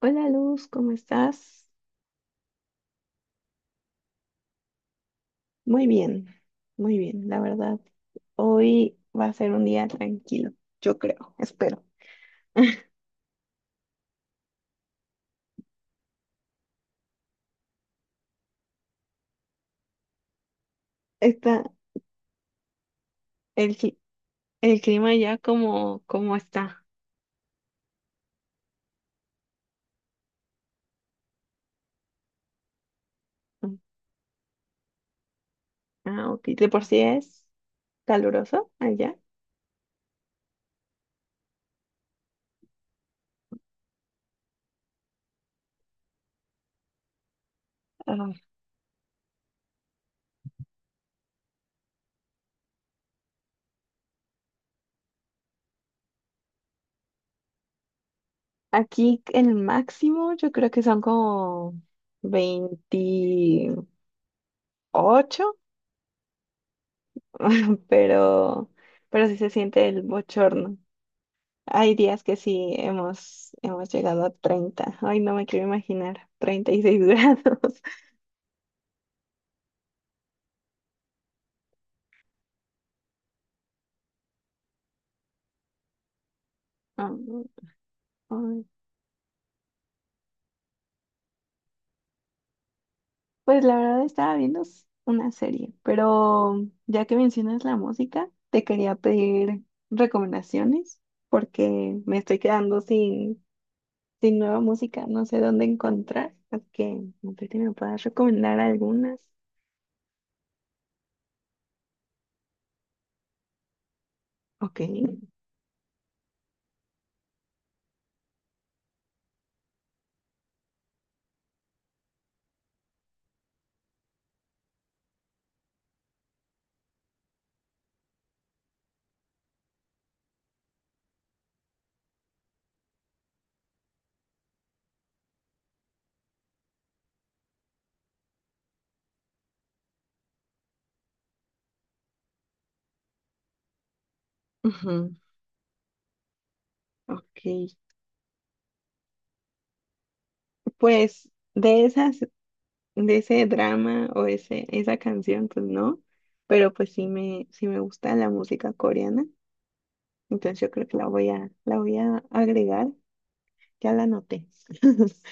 Hola Luz, ¿cómo estás? Muy bien, muy bien, la verdad. Hoy va a ser un día tranquilo, yo creo, espero. Está el, cli- el clima ya como está. Ah, ok. De por sí es caluroso allá. Ah, Aquí el máximo yo creo que son como 28, pero, pero sí se siente el bochorno. Hay días que sí hemos llegado a 30. Ay, no me quiero imaginar. 36 grados. Am, ay. Pues la verdad estaba viendo una serie, pero ya que mencionas la música, te quería pedir recomendaciones porque me estoy quedando sin nueva música. No sé dónde encontrar. Así que no sé si me puedas recomendar algunas. Ok. Ujú. Ok. Pues de esas. De ese drama, o ese, esa canción, pues no, pero pues sí sí me gusta la música coreana, entonces yo creo que la voy a agregar, ya la noté.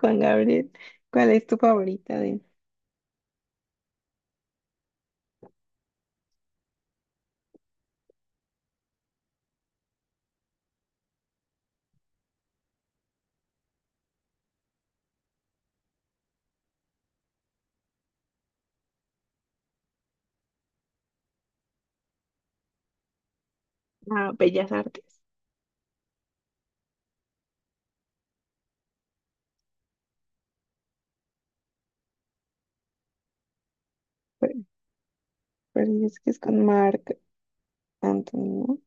Juan Gabriel, ¿cuál es tu favorita de… ah, ¿Bellas Artes? Pero, pero es que es con Marc Anthony, ¿no?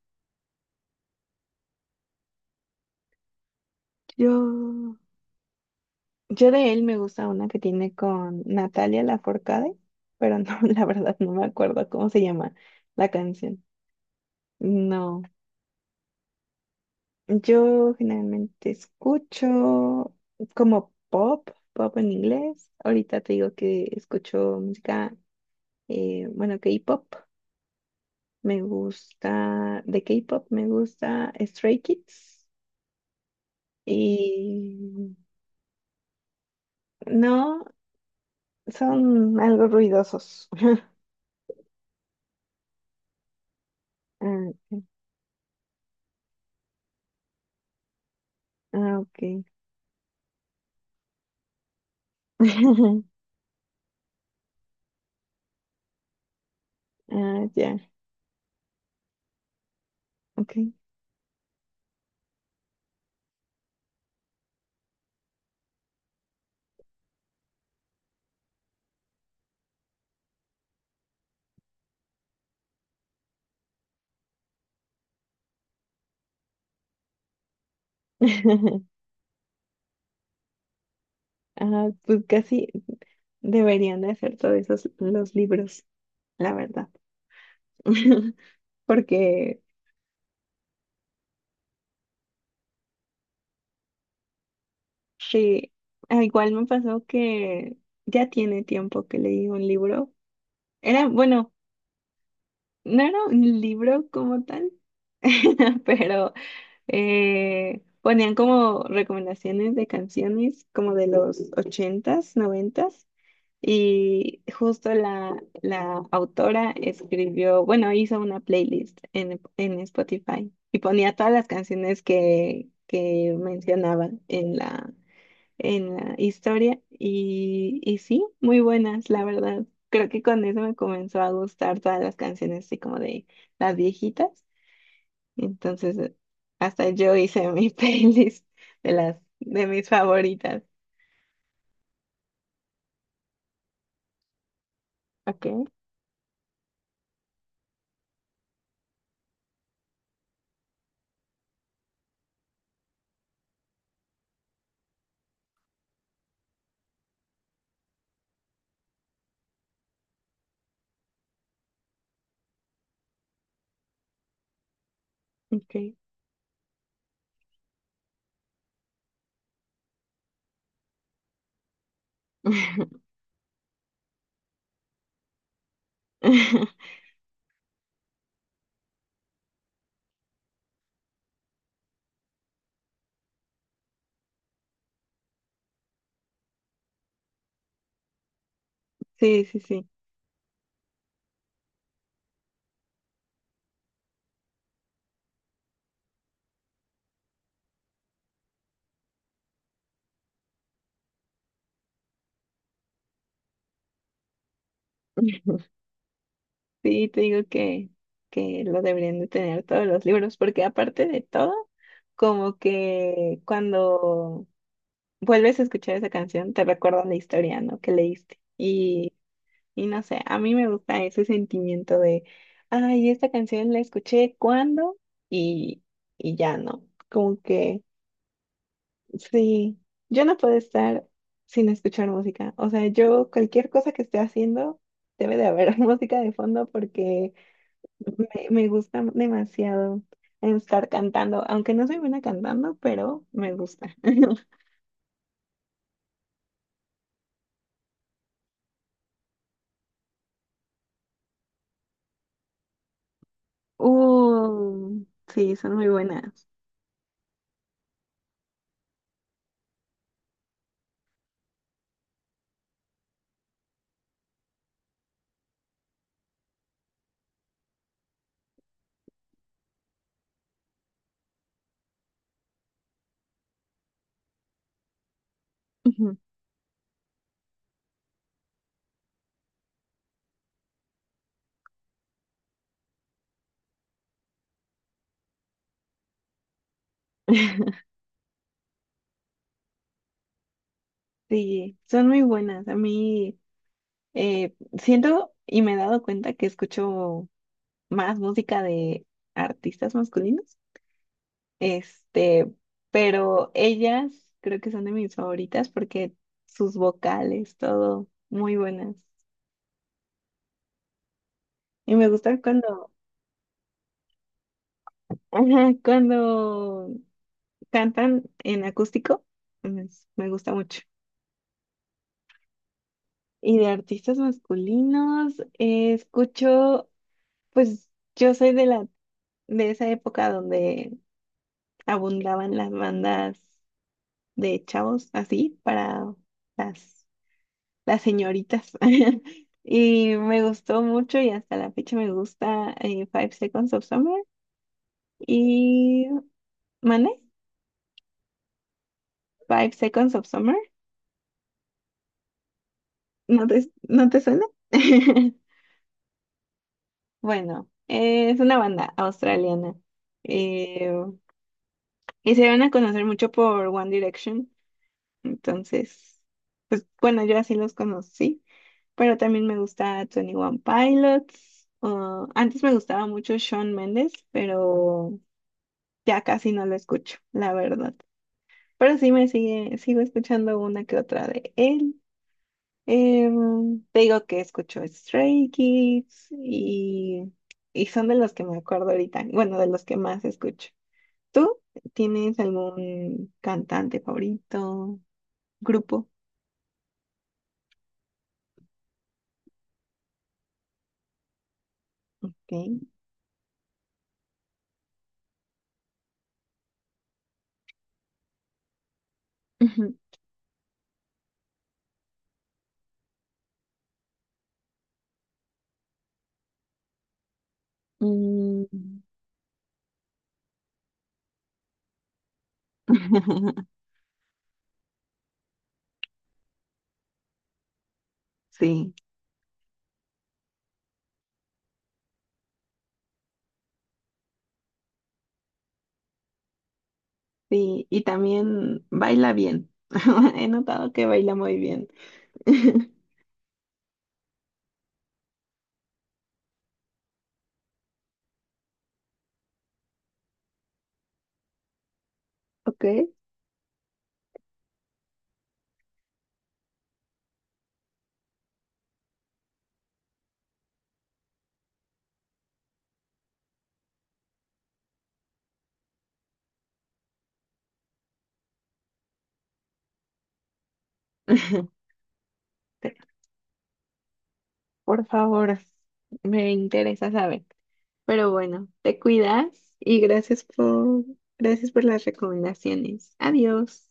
Yo, yo de él me gusta una que tiene con Natalia Lafourcade, pero no, la verdad no me acuerdo cómo se llama la canción. No. Yo generalmente escucho como pop, pop en inglés. Ahorita te digo que escucho música, bueno, K-pop. Me gusta, de K-pop me gusta Stray Kids. Y no, son algo ruidosos. Ah, ok. Ah, ok. Ah, ya, ok. Ah, pues casi deberían de hacer todos esos los libros, la verdad. Porque sí, ah, igual me pasó que ya tiene tiempo que leí un libro. Era, bueno, no era un libro como tal, pero ponían como recomendaciones de canciones como de los ochentas, noventas. Y justo la autora escribió, bueno, hizo una playlist en Spotify y ponía todas las canciones que mencionaban en en la historia y sí, muy buenas, la verdad. Creo que con eso me comenzó a gustar todas las canciones así como de las viejitas. Entonces, hasta yo hice mi playlist de las de mis favoritas. Ok, ok. Sí, sí, sí. Sí, te digo que lo deberían de tener todos los libros, porque aparte de todo, como que cuando vuelves a escuchar esa canción, te recuerda la historia, ¿no? Que leíste. Y no sé, a mí me gusta ese sentimiento de, ay, esta canción la escuché cuando y, y ya no. Como que, sí, yo no puedo estar sin escuchar música. O sea, yo cualquier cosa que esté haciendo, debe de haber música de fondo porque me gusta demasiado estar cantando, aunque no soy buena cantando, pero me gusta. Uh, sí, son muy buenas. Ujú. Sí, son muy buenas. A mí eh, siento y me he dado cuenta que escucho más música de artistas masculinos. Este, pero ellas creo que son de mis favoritas porque sus vocales, todo, muy buenas. Y me gustan cuando, ajá, cuando cantan en acústico, pues, me gusta mucho. Y de artistas masculinos, escucho, pues yo soy de de esa época donde abundaban las bandas de chavos, así, para las, las señoritas. Y me gustó mucho y hasta la fecha me gusta Five Seconds of Summer y ¿Mane? Five Seconds of Summer. No te suena? Bueno, es una banda australiana. Eh, Y se van a conocer mucho por One Direction. Entonces, pues bueno, yo así los conocí. Pero también me gusta twenty One Pilots. Ah, antes me gustaba mucho Shawn Mendes, pero ya casi no lo escucho, la verdad. Pero sí sigo escuchando una que otra de él. Em, te digo que escucho Stray Kids y son de los que me acuerdo ahorita. Bueno, de los que más escucho. ¿Tú tienes algún cantante favorito, grupo? ¿Ok? Ujú. Mm. Sí, sí, y también baila bien. He notado que baila muy bien. Ok. Te- Por favor, me interesa saber. Pero bueno, te cuidas y gracias por las recomendaciones. Adiós.